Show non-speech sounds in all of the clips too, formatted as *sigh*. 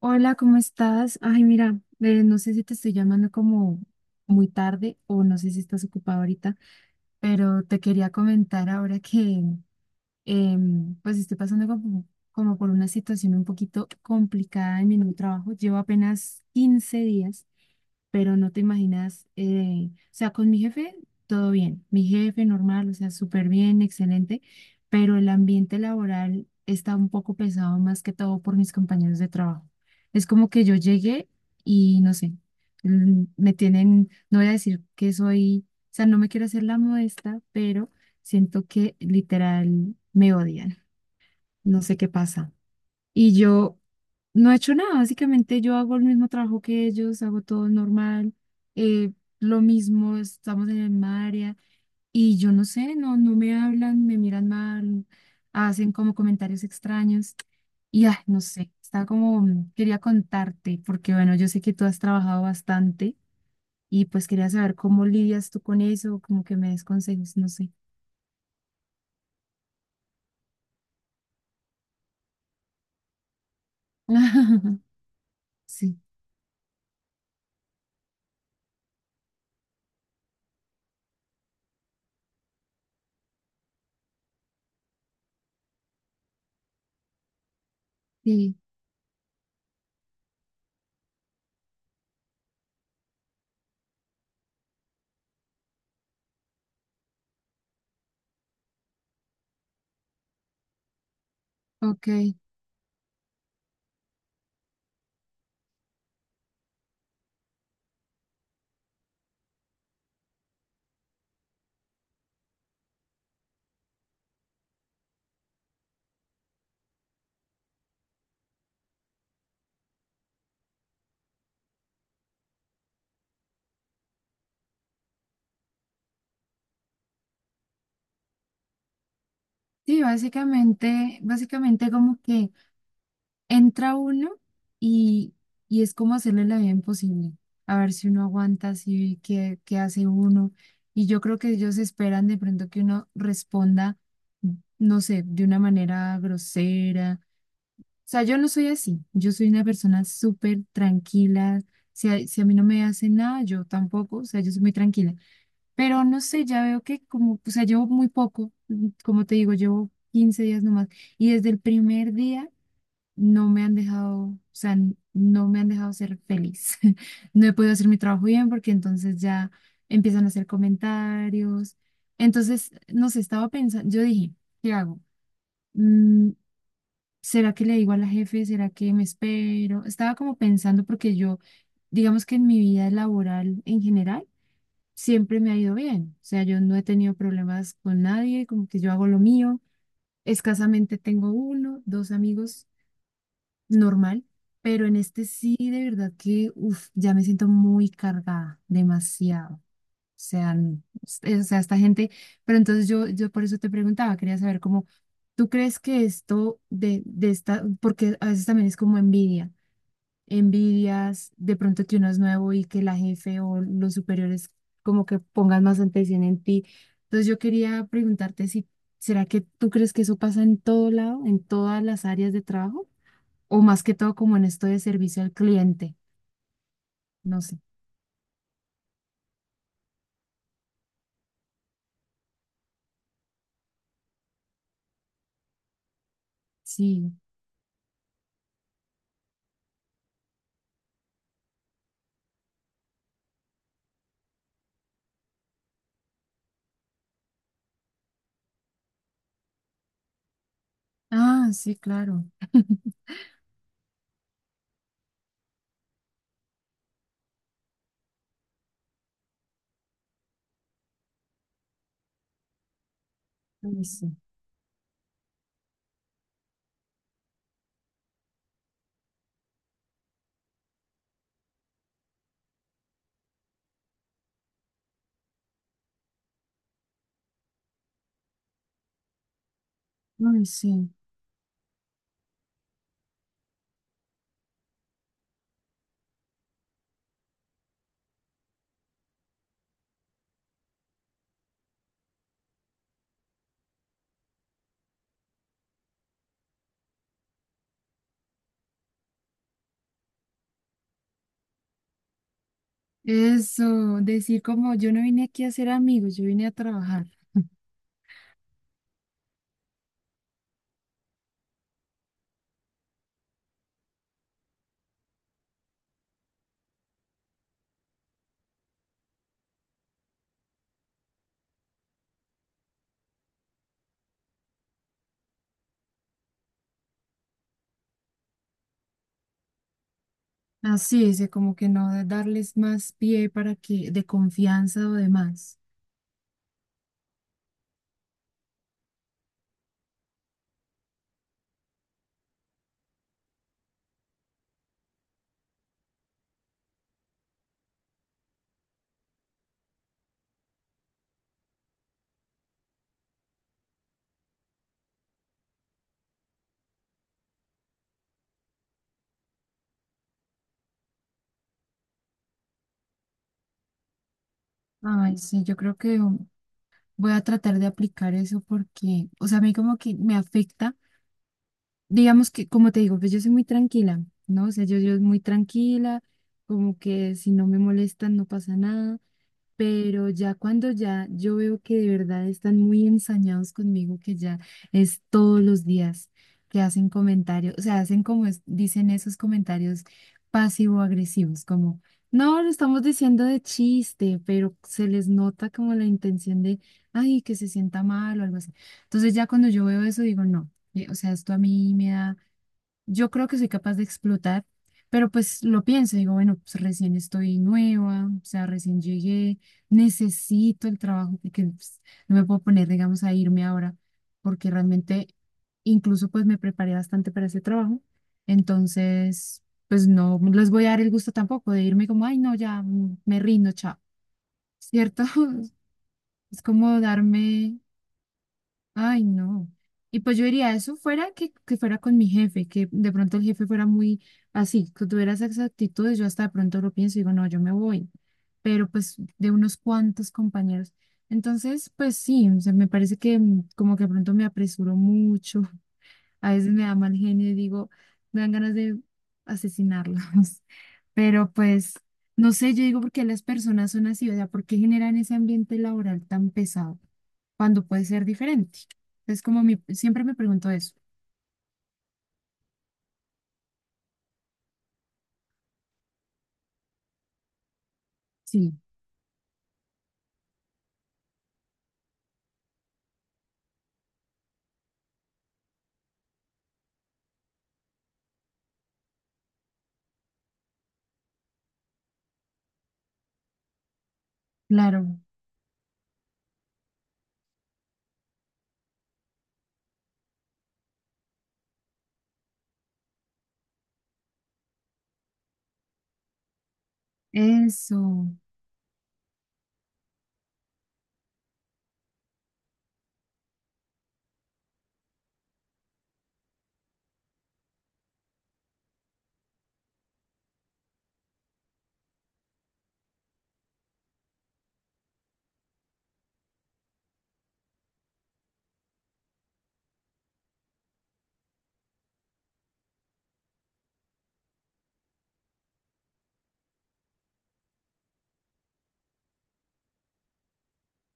Hola, ¿cómo estás? Ay, mira, no sé si te estoy llamando como muy tarde o no sé si estás ocupada ahorita, pero te quería comentar ahora que pues estoy pasando como por una situación un poquito complicada en mi nuevo trabajo. Llevo apenas 15 días, pero no te imaginas, o sea, con mi jefe todo bien, mi jefe normal, o sea, súper bien, excelente, pero el ambiente laboral está un poco pesado más que todo por mis compañeros de trabajo. Es como que yo llegué y no sé, me tienen, no voy a decir que soy, o sea, no me quiero hacer la modesta, pero siento que literal me odian, no sé qué pasa. Y yo no he hecho nada, básicamente yo hago el mismo trabajo que ellos, hago todo normal, eh, lo mismo, estamos en el misma área y yo no sé, no, no me hablan, me miran mal, hacen como comentarios extraños y ay, no sé, estaba como, quería contarte, porque bueno, yo sé que tú has trabajado bastante y pues quería saber cómo lidias tú con eso, como que me des consejos, no sé. *laughs* Sí, sí, ok. Sí, básicamente como que entra uno y, y es como hacerle la vida imposible, a ver si uno aguanta, si qué, qué hace uno. Y yo creo que ellos esperan de pronto que uno responda, no sé, de una manera grosera. O sea, yo no soy así, yo soy una persona súper tranquila. Si a mí no me hace nada, yo tampoco, o sea, yo soy muy tranquila. Pero no sé, ya veo que como, o sea, llevo muy poco, como te digo, llevo 15 días nomás. Y desde el primer día no me han dejado, o sea, no me han dejado ser feliz. *laughs* No he podido hacer mi trabajo bien porque entonces ya empiezan a hacer comentarios. Entonces, no sé, estaba pensando, yo dije, ¿qué hago? Mm, ¿Será que le digo a la jefe? ¿Será que me espero? Estaba como pensando porque yo, digamos que en mi vida laboral en general, siempre me ha ido bien. O sea, yo no he tenido problemas con nadie, como que yo hago lo mío. Escasamente tengo uno, dos amigos normal, pero en este sí, de verdad que, uf, ya me siento muy cargada, demasiado. O sea, o sea, esta gente, pero entonces yo por eso te preguntaba, quería saber cómo, ¿tú crees que esto de esta, porque a veces también es como envidia, envidias de pronto que uno es nuevo y que la jefe o los superiores como que pongan más atención en ti? Entonces yo quería preguntarte si, ¿será que tú crees que eso pasa en todo lado, en todas las áreas de trabajo? O más que todo como en esto de servicio al cliente, no sé. Sí. Ah, sí, claro. Ay, sí. Ay, sí. Eso, decir como yo no vine aquí a ser amigos, yo vine a trabajar. Así es, como que no darles más pie para que, de confianza o demás. Ay, sí, yo creo que voy a tratar de aplicar eso porque, o sea, a mí como que me afecta, digamos que, como te digo, pues yo soy muy tranquila, ¿no? O sea, yo muy tranquila, como que si no me molestan no pasa nada. Pero ya cuando ya yo veo que de verdad están muy ensañados conmigo, que ya es todos los días que hacen comentarios, o sea, hacen como dicen esos comentarios pasivo-agresivos, como, no, lo estamos diciendo de chiste, pero se les nota como la intención de, ay, que se sienta mal o algo así. Entonces ya cuando yo veo eso digo, no, o sea, esto a mí me da, yo creo que soy capaz de explotar, pero pues lo pienso, digo, bueno, pues recién estoy nueva, o sea, recién llegué, necesito el trabajo porque pues, no me puedo poner, digamos, a irme ahora, porque realmente incluso pues me preparé bastante para ese trabajo, entonces pues no les voy a dar el gusto tampoco de irme como, ay, no, ya me rindo, chao, ¿cierto? *laughs* Es como darme. Ay, no. Y pues yo diría, eso fuera que, fuera con mi jefe, que de pronto el jefe fuera muy así, que tuviera esas actitudes, yo hasta de pronto lo pienso y digo, no, yo me voy. Pero pues de unos cuantos compañeros. Entonces, pues sí, o sea, me parece que como que de pronto me apresuro mucho, a veces me da mal genio y digo, me dan ganas de asesinarlos. *laughs* Pero pues, no sé, yo digo por qué las personas son así, o sea, por qué generan ese ambiente laboral tan pesado cuando puede ser diferente. Es como mi, siempre me pregunto eso. Sí, claro, eso,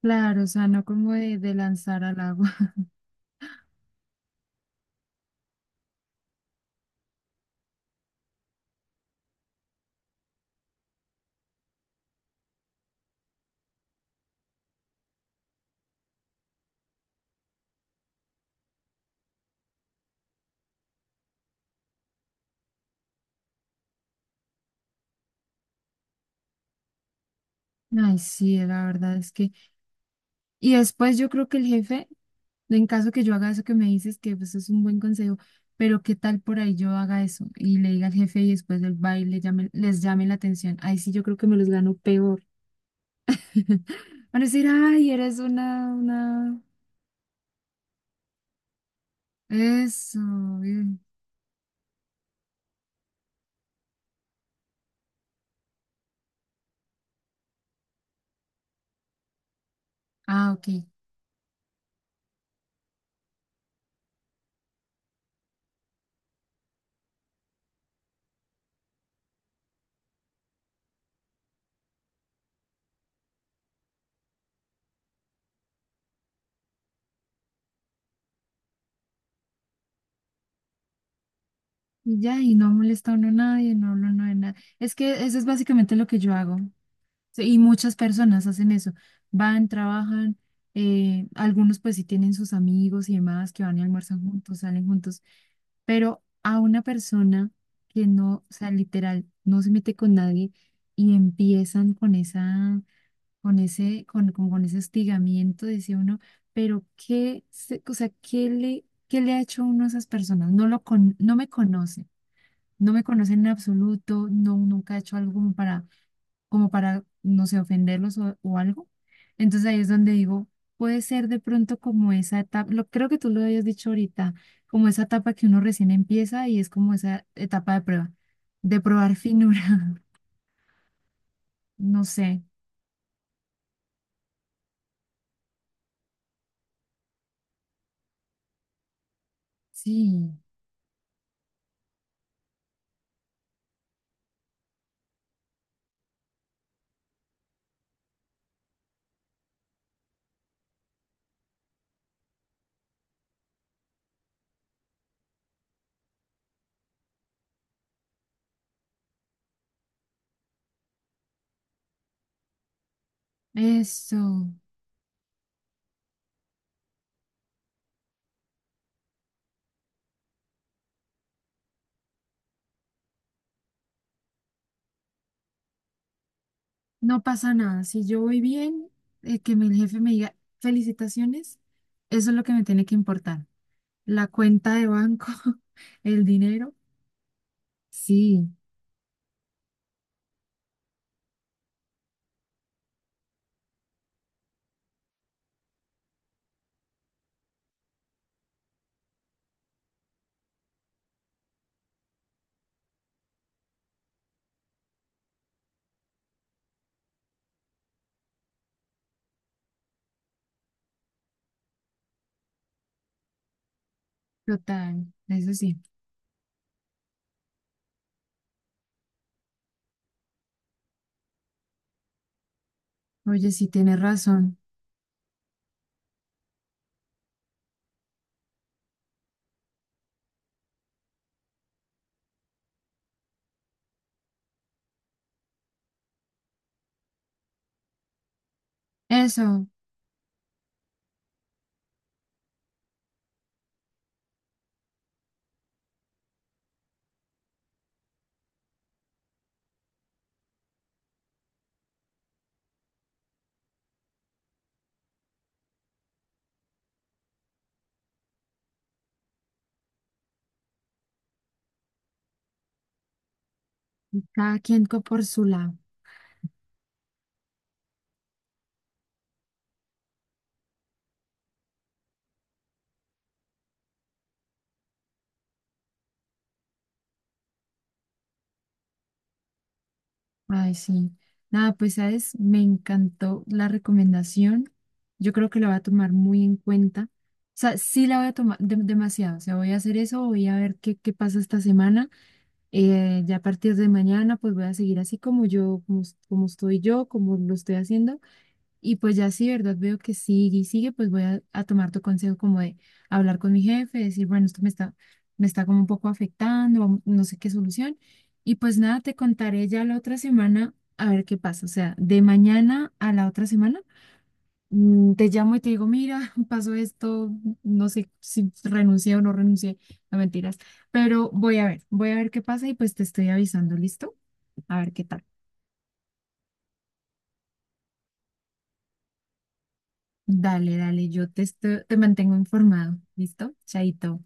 claro, o sea, no como de lanzar al agua. *laughs* Ay, sí, la verdad es que. Y después yo creo que el jefe, en caso que yo haga eso que me dices, que pues es un buen consejo, pero ¿qué tal por ahí yo haga eso y le diga al jefe y después del baile llame, les llame la atención? Ahí sí yo creo que me los gano peor. *laughs* Van a decir, ay, eres una... Eso, bien. Ah, ok. Y ya, y no molesta a uno a nadie, no, no, no, nada. Es que eso es básicamente lo que yo hago. Sí, y muchas personas hacen eso. Van, trabajan, algunos pues sí tienen sus amigos y demás que van y almuerzan juntos, salen juntos, pero a una persona que no, o sea, literal, no se mete con nadie y empiezan con esa, con ese hostigamiento, decía uno, pero qué, o sea, qué le ha hecho uno a esas personas. No lo con, no me conoce, no me conocen en absoluto, no, nunca ha hecho algo como para, como para, no sé, ofenderlos o algo. Entonces ahí es donde digo, puede ser de pronto como esa etapa, lo, creo que tú lo habías dicho ahorita, como esa etapa que uno recién empieza y es como esa etapa de prueba, de probar finura, *laughs* no sé. Sí, eso, no pasa nada. Si yo voy bien, que mi jefe me diga felicitaciones, eso es lo que me tiene que importar. La cuenta de banco, *laughs* el dinero, sí, total, eso sí. Oye, sí, tienes razón. Eso, cada quien por su lado. Ay, sí. Nada, pues, ¿sabes? Me encantó la recomendación. Yo creo que la voy a tomar muy en cuenta. O sea, sí la voy a tomar demasiado. O sea, voy a hacer eso, voy a ver qué, qué pasa esta semana. Ya a partir de mañana, pues voy a seguir así como yo, como, como estoy yo, como lo estoy haciendo. Y pues ya sí, ¿verdad? Veo que sigue y sigue, pues voy a tomar tu consejo como de hablar con mi jefe, decir, bueno, esto me está como un poco afectando, vamos- no sé qué solución. Y pues nada, te contaré ya la otra semana a ver qué pasa. O sea, de mañana a la otra semana, te llamo y te digo, mira, *laughs* pasó esto, no sé si renuncié o no renuncié, no mentiras, pero voy a ver, qué pasa y pues te estoy avisando, ¿listo? A ver qué tal. Dale, dale, yo te, te mantengo informado, ¿listo? Chaito.